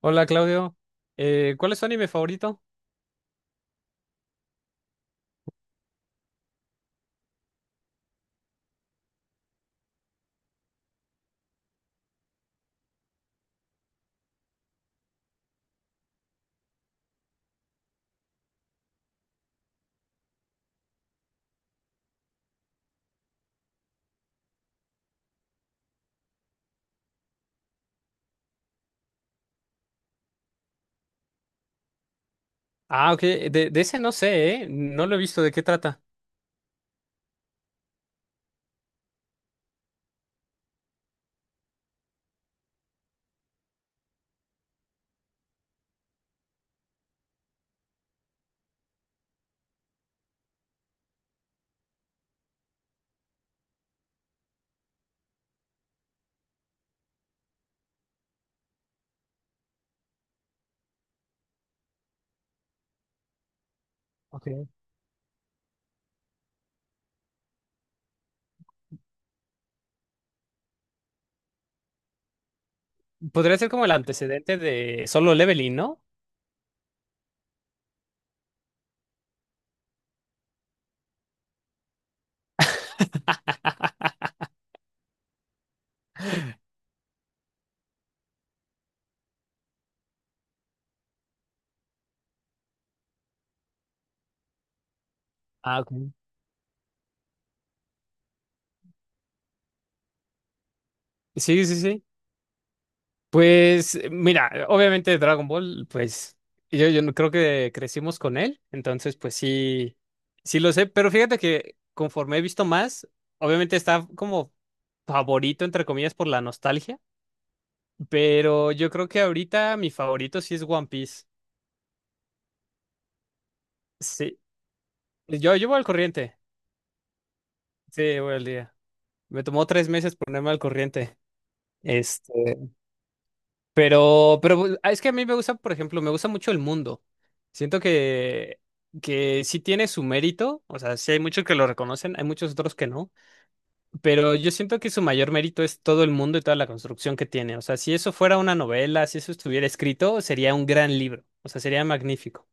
Hola Claudio. ¿Cuál es tu anime favorito? Ah, ok, de ese no sé, ¿eh? No lo he visto, ¿de qué trata? Okay. Podría ser como el antecedente de Solo Leveling, ¿no? Ah, ok. Sí, sí, sí. Pues mira, obviamente Dragon Ball, pues yo no- creo que crecimos con él, entonces pues sí, sí lo sé, pero fíjate que conforme he visto más, obviamente está como favorito, entre comillas, por la nostalgia, pero yo creo que ahorita mi favorito sí es One Piece. Sí. Yo voy al corriente. Sí, voy al día. Me tomó 3 meses ponerme al corriente. Este, pero es que a mí me gusta, por ejemplo, me gusta mucho el mundo. Siento que sí tiene su mérito. O sea, sí hay muchos que lo reconocen, hay muchos otros que no. Pero yo siento que su mayor mérito es todo el mundo y toda la construcción que tiene. O sea, si eso fuera una novela, si eso estuviera escrito, sería un gran libro. O sea, sería magnífico.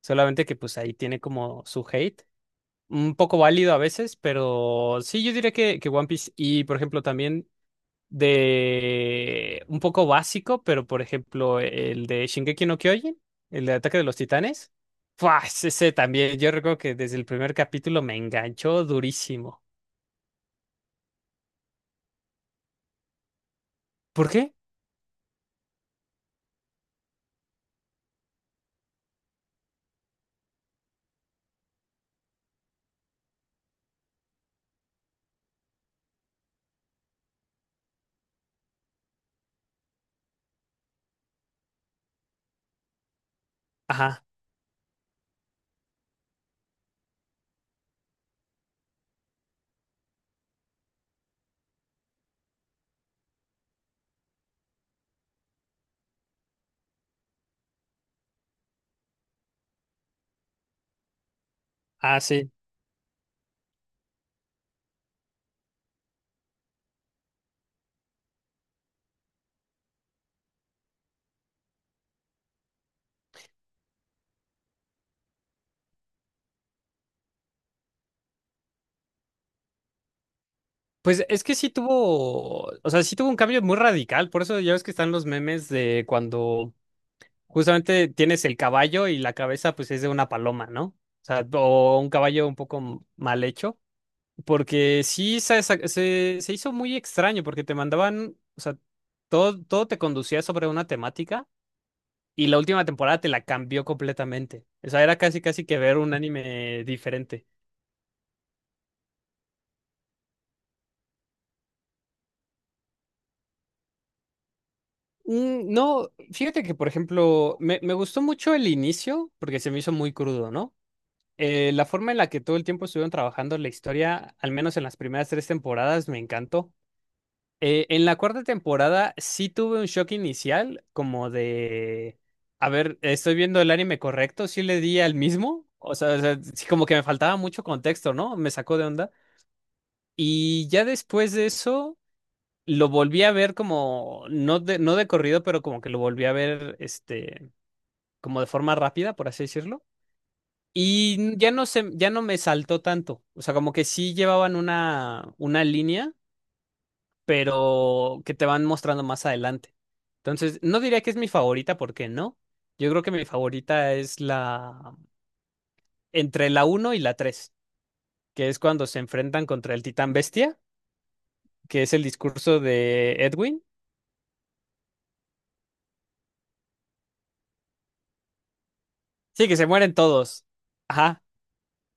Solamente que pues ahí tiene como su hate, un poco válido a veces, pero sí, yo diría que One Piece y, por ejemplo, también de un poco básico, pero, por ejemplo, el de Shingeki no Kyojin, el de Ataque de los Titanes, ¡fua! Ese también, yo recuerdo que desde el primer capítulo me enganchó durísimo. ¿Por qué? Ajá, ah, sí. Pues es que sí tuvo, o sea, sí tuvo un cambio muy radical, por eso ya ves que están los memes de cuando justamente tienes el caballo y la cabeza pues es de una paloma, ¿no? O sea, o un caballo un poco mal hecho, porque se hizo muy extraño porque te mandaban, o sea, todo te conducía sobre una temática y la última temporada te la cambió completamente. O sea, era casi casi que ver un anime diferente. Mm, no, fíjate que por ejemplo, me gustó mucho el inicio porque se me hizo muy crudo, ¿no? La forma en la que todo el tiempo estuvieron trabajando la historia, al menos en las primeras tres temporadas, me encantó. En la cuarta temporada sí tuve un shock inicial, como de, a ver, estoy viendo el anime correcto, sí le di al mismo, o sea, sí como que me faltaba mucho contexto, ¿no? Me sacó de onda. Y ya después de eso, lo volví a ver como, no de corrido, pero como que lo volví a ver, este, como de forma rápida, por así decirlo. Y ya no me saltó tanto. O sea, como que sí llevaban una línea, pero que te van mostrando más adelante. Entonces, no diría que es mi favorita, porque no. Yo creo que mi favorita es la entre la uno y la tres, que es cuando se enfrentan contra el titán bestia, que es el discurso de Edwin. Sí, que se mueren todos. Ajá.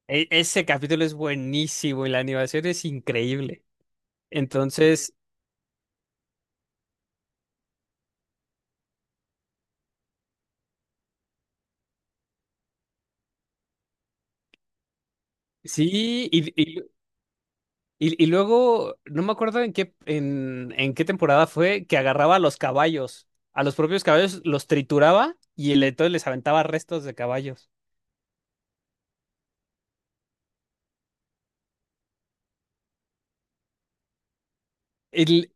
Ese capítulo es buenísimo y la animación es increíble. Entonces, sí, y luego, no me acuerdo en qué, en qué temporada fue que agarraba a los caballos, a los propios caballos, los trituraba y entonces les aventaba restos de caballos. El-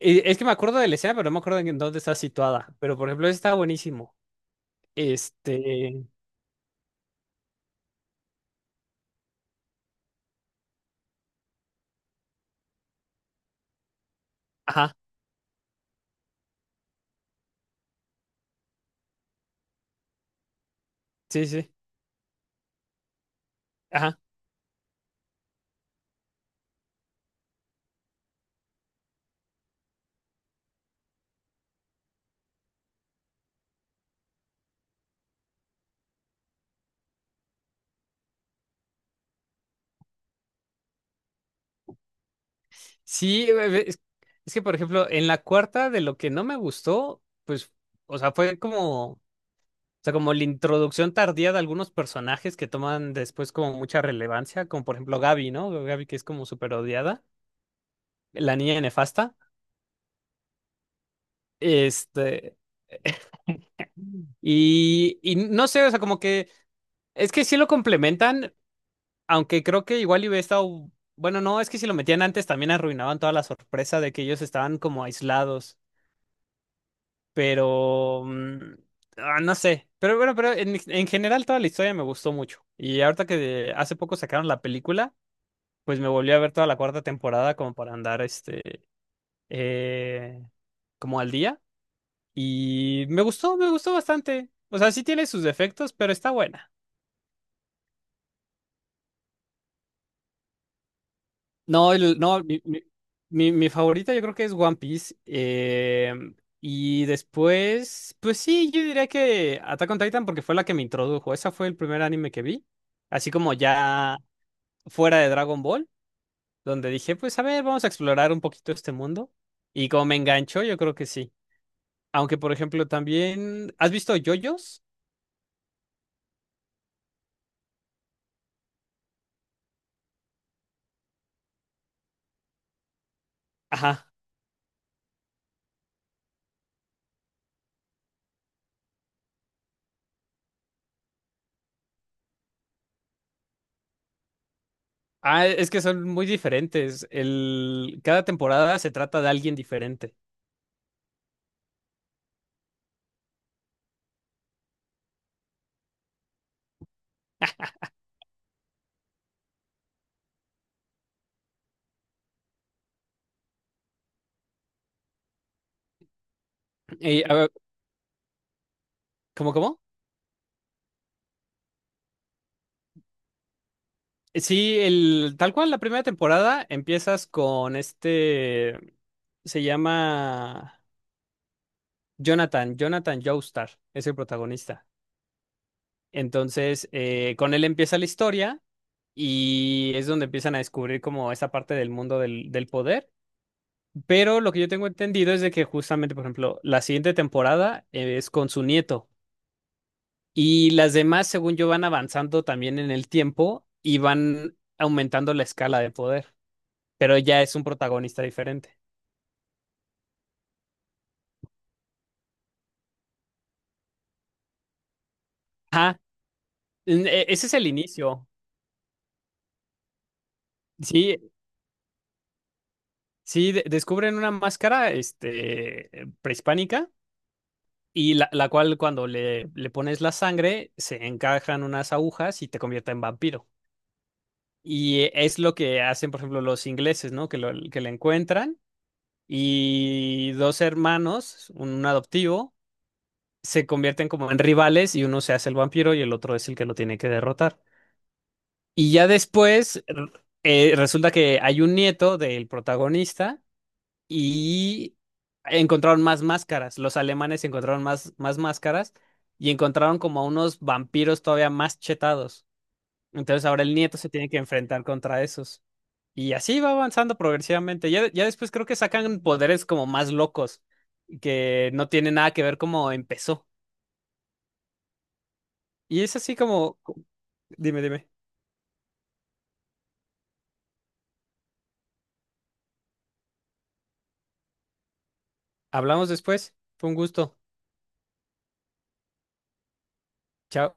es que me acuerdo de la escena, pero no me acuerdo en dónde está situada. Pero por ejemplo, ese está buenísimo. Este. Ajá, sí, sí. Ajá. Sí, es que por ejemplo, en la cuarta de lo que no me gustó, pues, o sea, fue como. O sea, como la introducción tardía de algunos personajes que toman después como mucha relevancia, como por ejemplo Gaby, ¿no? Gaby que es como súper odiada, la niña nefasta. Este, y no sé, o sea, como que es que sí lo complementan, aunque creo que igual y hubiera estado, bueno, no, es que si lo metían antes también arruinaban toda la sorpresa de que ellos estaban como aislados, pero mm, ah, no sé, pero bueno, pero en general toda la historia me gustó mucho. Y ahorita que hace poco sacaron la película, pues me volví a ver toda la cuarta temporada como para andar este eh, como al día, y me gustó bastante. O sea, sí tiene sus defectos, pero está buena. No, mi favorita yo creo que es One Piece. Y después, pues sí, yo diría que Attack on Titan porque fue la que me introdujo. Esa fue el primer anime que vi. Así como ya fuera de Dragon Ball, donde dije, pues a ver, vamos a explorar un poquito este mundo. Y como me enganchó, yo creo que sí. Aunque, por ejemplo, también. ¿Has visto yoyos? Ajá. Ah, es que son muy diferentes. El... cada temporada se trata de alguien diferente. Y, a ver, ¿cómo, cómo? Sí, el... tal cual, la primera temporada empiezas con este. Se llama Jonathan, Jonathan Joestar, es el protagonista. Entonces, con él empieza la historia y es donde empiezan a descubrir como esa parte del mundo del poder. Pero lo que yo tengo entendido es de que justamente, por ejemplo, la siguiente temporada es con su nieto y las demás, según yo, van avanzando también en el tiempo y van aumentando la escala de poder, pero ya es un protagonista diferente. Ah, ese es el inicio. Sí, sí, descubren una máscara, este, prehispánica y la cual cuando le pones la sangre se encajan unas agujas y te convierte en vampiro. Y es lo que hacen, por ejemplo, los ingleses, ¿no? Que, que la encuentran y dos hermanos, un adoptivo, se convierten como en rivales y uno se hace el vampiro y el otro es el que lo tiene que derrotar. Y ya después resulta que hay un nieto del protagonista y encontraron más máscaras. Los alemanes encontraron más máscaras y encontraron como unos vampiros todavía más chetados. Entonces ahora el nieto se tiene que enfrentar contra esos. Y así va avanzando progresivamente. Ya después creo que sacan poderes como más locos, que no tienen nada que ver cómo empezó. Y es así como... Dime, dime. Hablamos después. Fue un gusto. Chao.